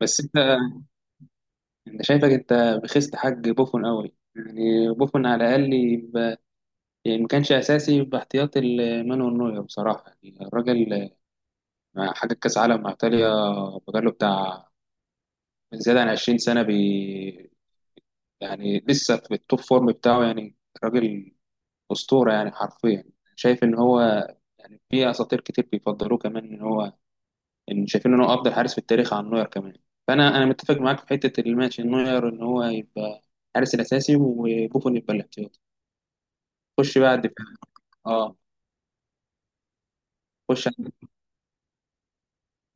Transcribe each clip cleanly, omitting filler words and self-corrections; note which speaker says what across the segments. Speaker 1: بس انت شايفك انت بخست حاج بوفون قوي. يعني بوفون على الاقل يبقى، يعني ما كانش اساسي، يبقى احتياطي لمانويل نوير. بصراحه يعني الراجل مع حاجه كاس عالم مع ايطاليا، بقاله بتاع زياده عن 20 سنه، يعني لسه في التوب فورم بتاعه يعني. راجل اسطوره يعني، حرفيا. شايف ان هو، يعني في اساطير كتير بيفضلوه كمان، ان شايفين ان هو افضل حارس في التاريخ عن نوير كمان. فانا متفق معاك في حته الماتش، ان نوير ان هو يبقى الحارس الاساسي وبوفون يبقى الاحتياطي. خش بقى الدفاع. اه، خش على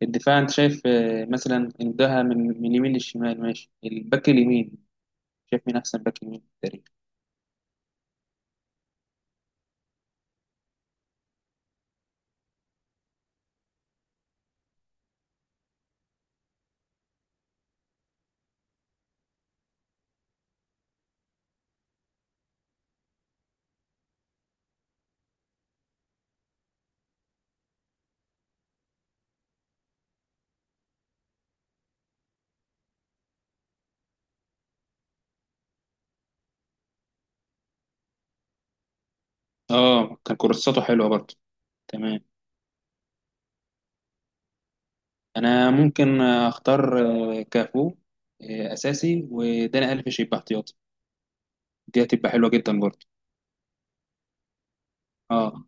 Speaker 1: الدفاع. انت شايف، مثلا انتهى من اليمين للشمال، ماشي. الباك اليمين، شايف مين احسن باك يمين في التاريخ؟ اه، كان كورساته حلوه برضه، تمام. انا ممكن اختار كافو اساسي، وداني الفيش يبقى احتياطي. دي هتبقى حلوه جدا برضه. اه،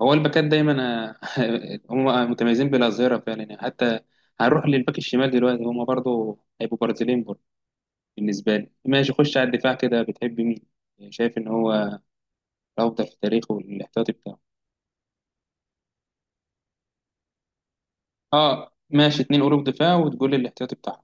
Speaker 1: هو الباكات دايما هم متميزين بالاظهره فعلا، يعني حتى هنروح للباك الشمال دلوقتي، هم برضو هيبقوا برازيليين برضو. بالنسبه لي ماشي. خش على الدفاع كده، بتحب مين، شايف ان هو الافضل في تاريخه، الاحتياطي بتاعه؟ اه ماشي، اتنين قلوب دفاع، وتقول لي الاحتياطي بتاعه.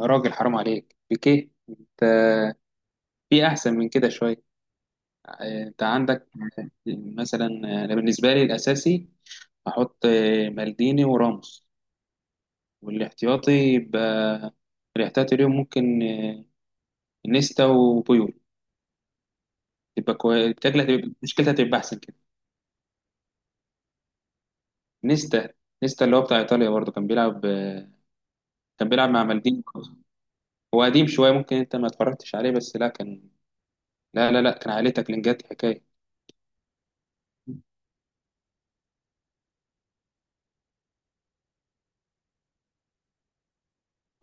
Speaker 1: يا راجل حرام عليك بيكيه، انت في احسن من كده شويه. انت عندك مثلا. انا بالنسبه لي الاساسي احط مالديني وراموس، والاحتياطي يبقى، الاحتياطي اليوم ممكن نيستا وبويول، تبقى كويس، بتاكل، هتبقى مشكلتها هتبقى احسن كده. نيستا. نيستا اللي هو بتاع ايطاليا برضه، كان بيلعب مع مالديني. هو قديم شويه، ممكن انت ما اتفرجتش عليه، بس لا كان، لا لا لا، كان عليه تاكلينجات حكايه.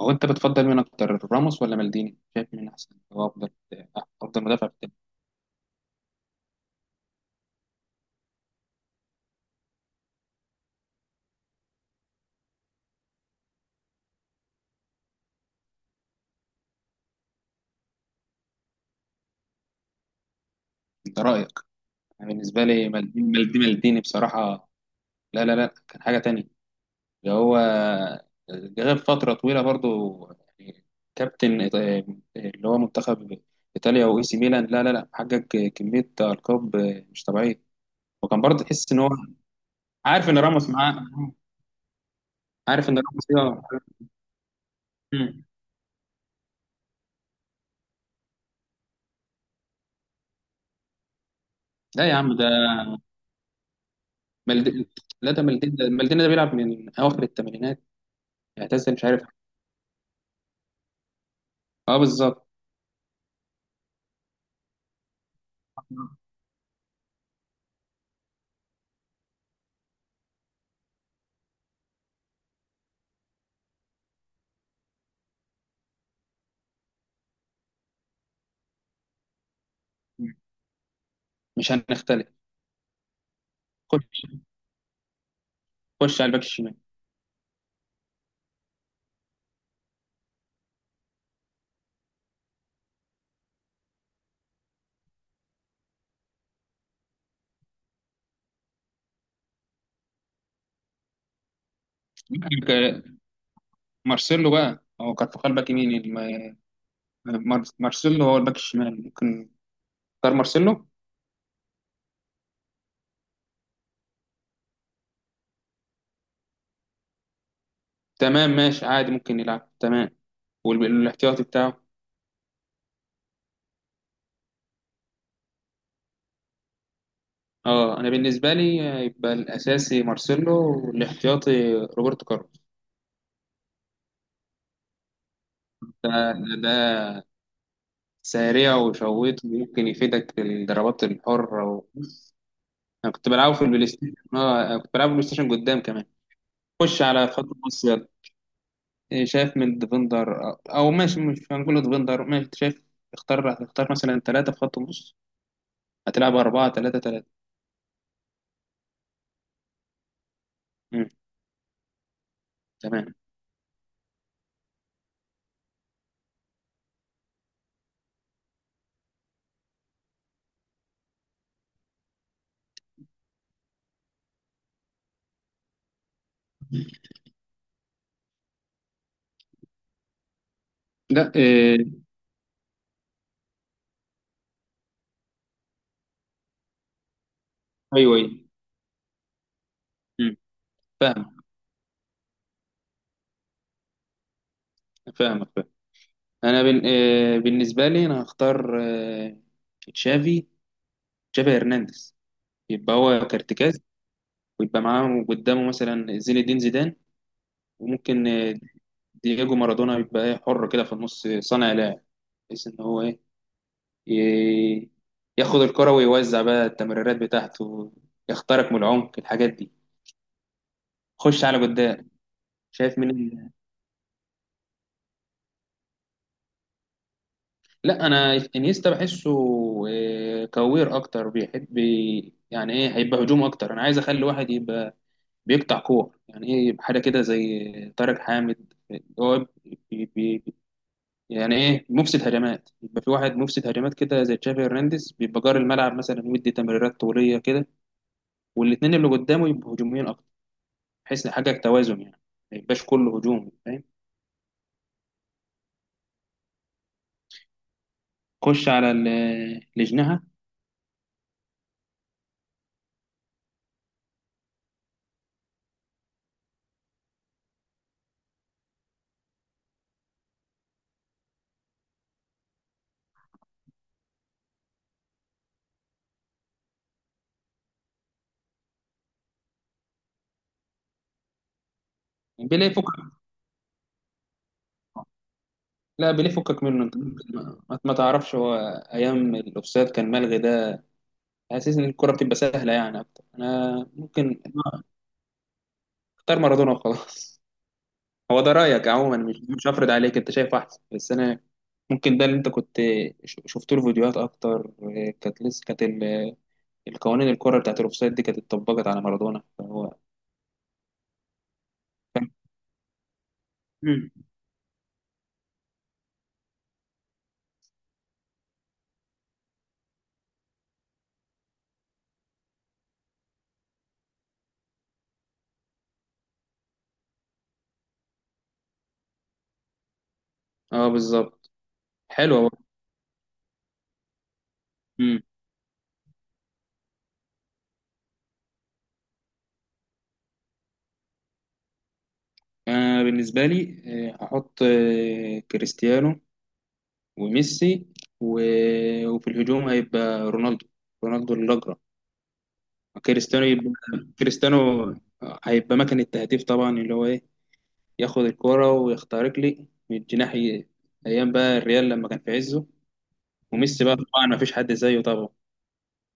Speaker 1: هو انت بتفضل مين اكتر، راموس ولا مالديني؟ شايف مين احسن، هو افضل مدافع في التاريخ؟ ده رايك. أنا بالنسبه لي مالديني مالديني مالديني بصراحه. لا لا لا كان حاجه تانية، اللي هو غاب فترة طويلة برضو، يعني كابتن إيط- اللي هو منتخب إيطاليا وإي سي ميلان. لا لا لا، حقق كمية ألقاب مش طبيعية، وكان برضه تحس إن هو، عارف إن راموس معاه، عارف إن راموس إيه. مم. لا يا عم، ده مالديني. لا، ده مالديني، ده مالديني ده بيلعب من أواخر الثمانينات، اعتزل مش عارف. أه بالظبط. مش هنختلف. خش خش على الباك الشمال. عندك مارسيلو بقى، هو كارفاخال باك يمين، مارسيلو هو الباك الشمال. ممكن اختار مارسيلو. تمام ماشي عادي، ممكن يلعب، تمام. والاحتياطي بتاعه، اه انا بالنسبه لي يبقى الاساسي مارسيلو، والاحتياطي روبرتو كارلوس. آه، ده سريع وشويط، ممكن يفيدك في الضربات الحره. انا كنت بلعبه في البلاي ستيشن. اه، أنا كنت بلعبه بلاي ستيشن قدام كمان. خش على خط النص يلا. شايف من ديفندر، او ماشي، مش هنقول ديفندر، ماشي، شايف، اختار مثلا ثلاثه في خط النص، هتلعب اربعه ثلاثه ثلاثه. تمام. لا. ايوه ايوه. مم، فاهمك. فاهمك فاهم. انا بن... آه، بالنسبه لي انا هختار تشافي، تشافي هرنانديز، يبقى هو كارتكاز، ويبقى معاه قدامه مثلا زين الدين زيدان، وممكن دييجو مارادونا، يبقى حر كده في النص، صانع لعب، بحيث ان هو ايه، ي- ياخد الكرة ويوزع بقى التمريرات بتاعته، يخترق من العمق، الحاجات دي. خش على قدام. شايف مين؟ لا، انا انيستا بحسه كوير اكتر، بيحب يعني ايه، هيبقى هجوم اكتر. انا عايز اخلي واحد يبقى بيقطع كور، يعني ايه، يبقى حاجه كده زي طارق حامد، هو بي بي يعني ايه، مفسد هجمات، يبقى في واحد مفسد هجمات كده زي تشافي هرنانديز، بيبقى جار الملعب، مثلا يدي تمريرات طوليه كده، والاثنين اللي قدامه يبقوا هجوميين اكتر، بحيث حاجه توازن يعني، ما يبقاش كله هجوم، فاهم. خش على اللي جناها. بيلاقي فكك. لا، بيليه فكك منه انت. ما تعرفش، هو ايام الاوفسايد كان ملغي ده، حاسس ان الكرة بتبقى سهلة يعني اكتر. انا ممكن اختار مارادونا وخلاص. هو ده رأيك عموما، مش هفرض عليك، انت شايف احسن، بس انا ممكن، ده اللي انت كنت شفت له فيديوهات اكتر، كانت لسه كانت القوانين، الكرة بتاعت الاوفسايد دي كانت اتطبقت على مارادونا، فهو كان. مم. اه بالظبط. حلوة بقى. مم. انا بالنسبة لي هحط كريستيانو وميسي، و... وفي الهجوم هيبقى رونالدو، رونالدو الأجرة. كريستيانو يبقى، كريستيانو هيبقى مكان التهديف طبعا، اللي هو ايه، ياخد الكرة ويخترق لي من الجناح، ايام بقى الريال لما كان في عزه. وميسي بقى طبعا ما فيش حد زيه طبعا،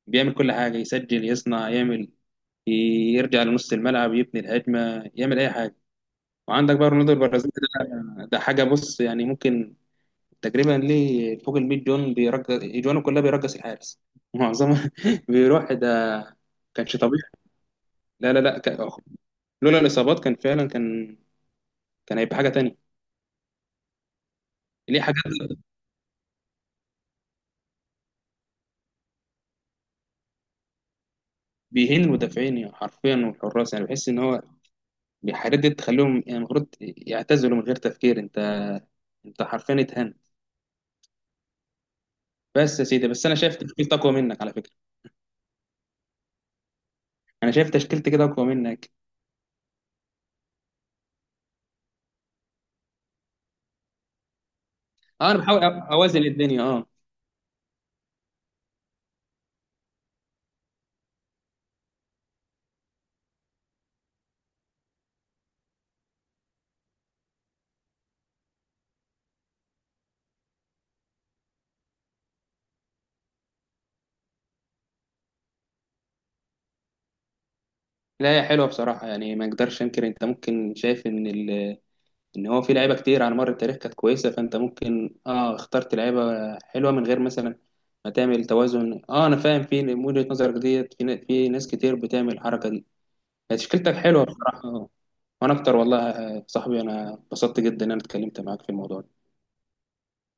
Speaker 1: بيعمل كل حاجة، يسجل، يصنع، يعمل، يرجع لنص الملعب، يبني الهجمة، يعمل أي حاجة. وعندك بقى رونالدو البرازيلي، ده حاجة. بص يعني، ممكن تقريبا ليه فوق ال 100 جون، بيرجس اجوانه كلها، بيرجس الحارس معظمها بيروح ده، كانش طبيعي. لا لا لا، لولا الاصابات كان فعلا، كان هيبقى حاجه تانية. ليه حاجات بيهين المدافعين يعني حرفيا، والحراس. يعني بحس ان هو الحاجات دي تخليهم يعني المفروض يعتزلوا من غير تفكير. انت حرفيا اتهنت. بس يا سيدي، بس انا شايف تشكيلتي اقوى منك على فكره. انا شايف تشكيلتي كده اقوى منك. اه، انا بحاول اوازن الدنيا، اه. لا، هي حلوه بصراحه، يعني ما اقدرش انكر، انت ممكن شايف ان هو في لعيبه كتير على مر التاريخ كانت كويسه، فانت ممكن اه اخترت لعيبه حلوه، من غير مثلا ما تعمل توازن. اه، انا فاهم في وجهه نظرك ديت، في في ناس كتير بتعمل الحركه دي. هي تشكيلتك حلوه بصراحه، آه. وانا اكتر، والله يا صاحبي انا اتبسطت جدا ان انا اتكلمت معاك في الموضوع ده.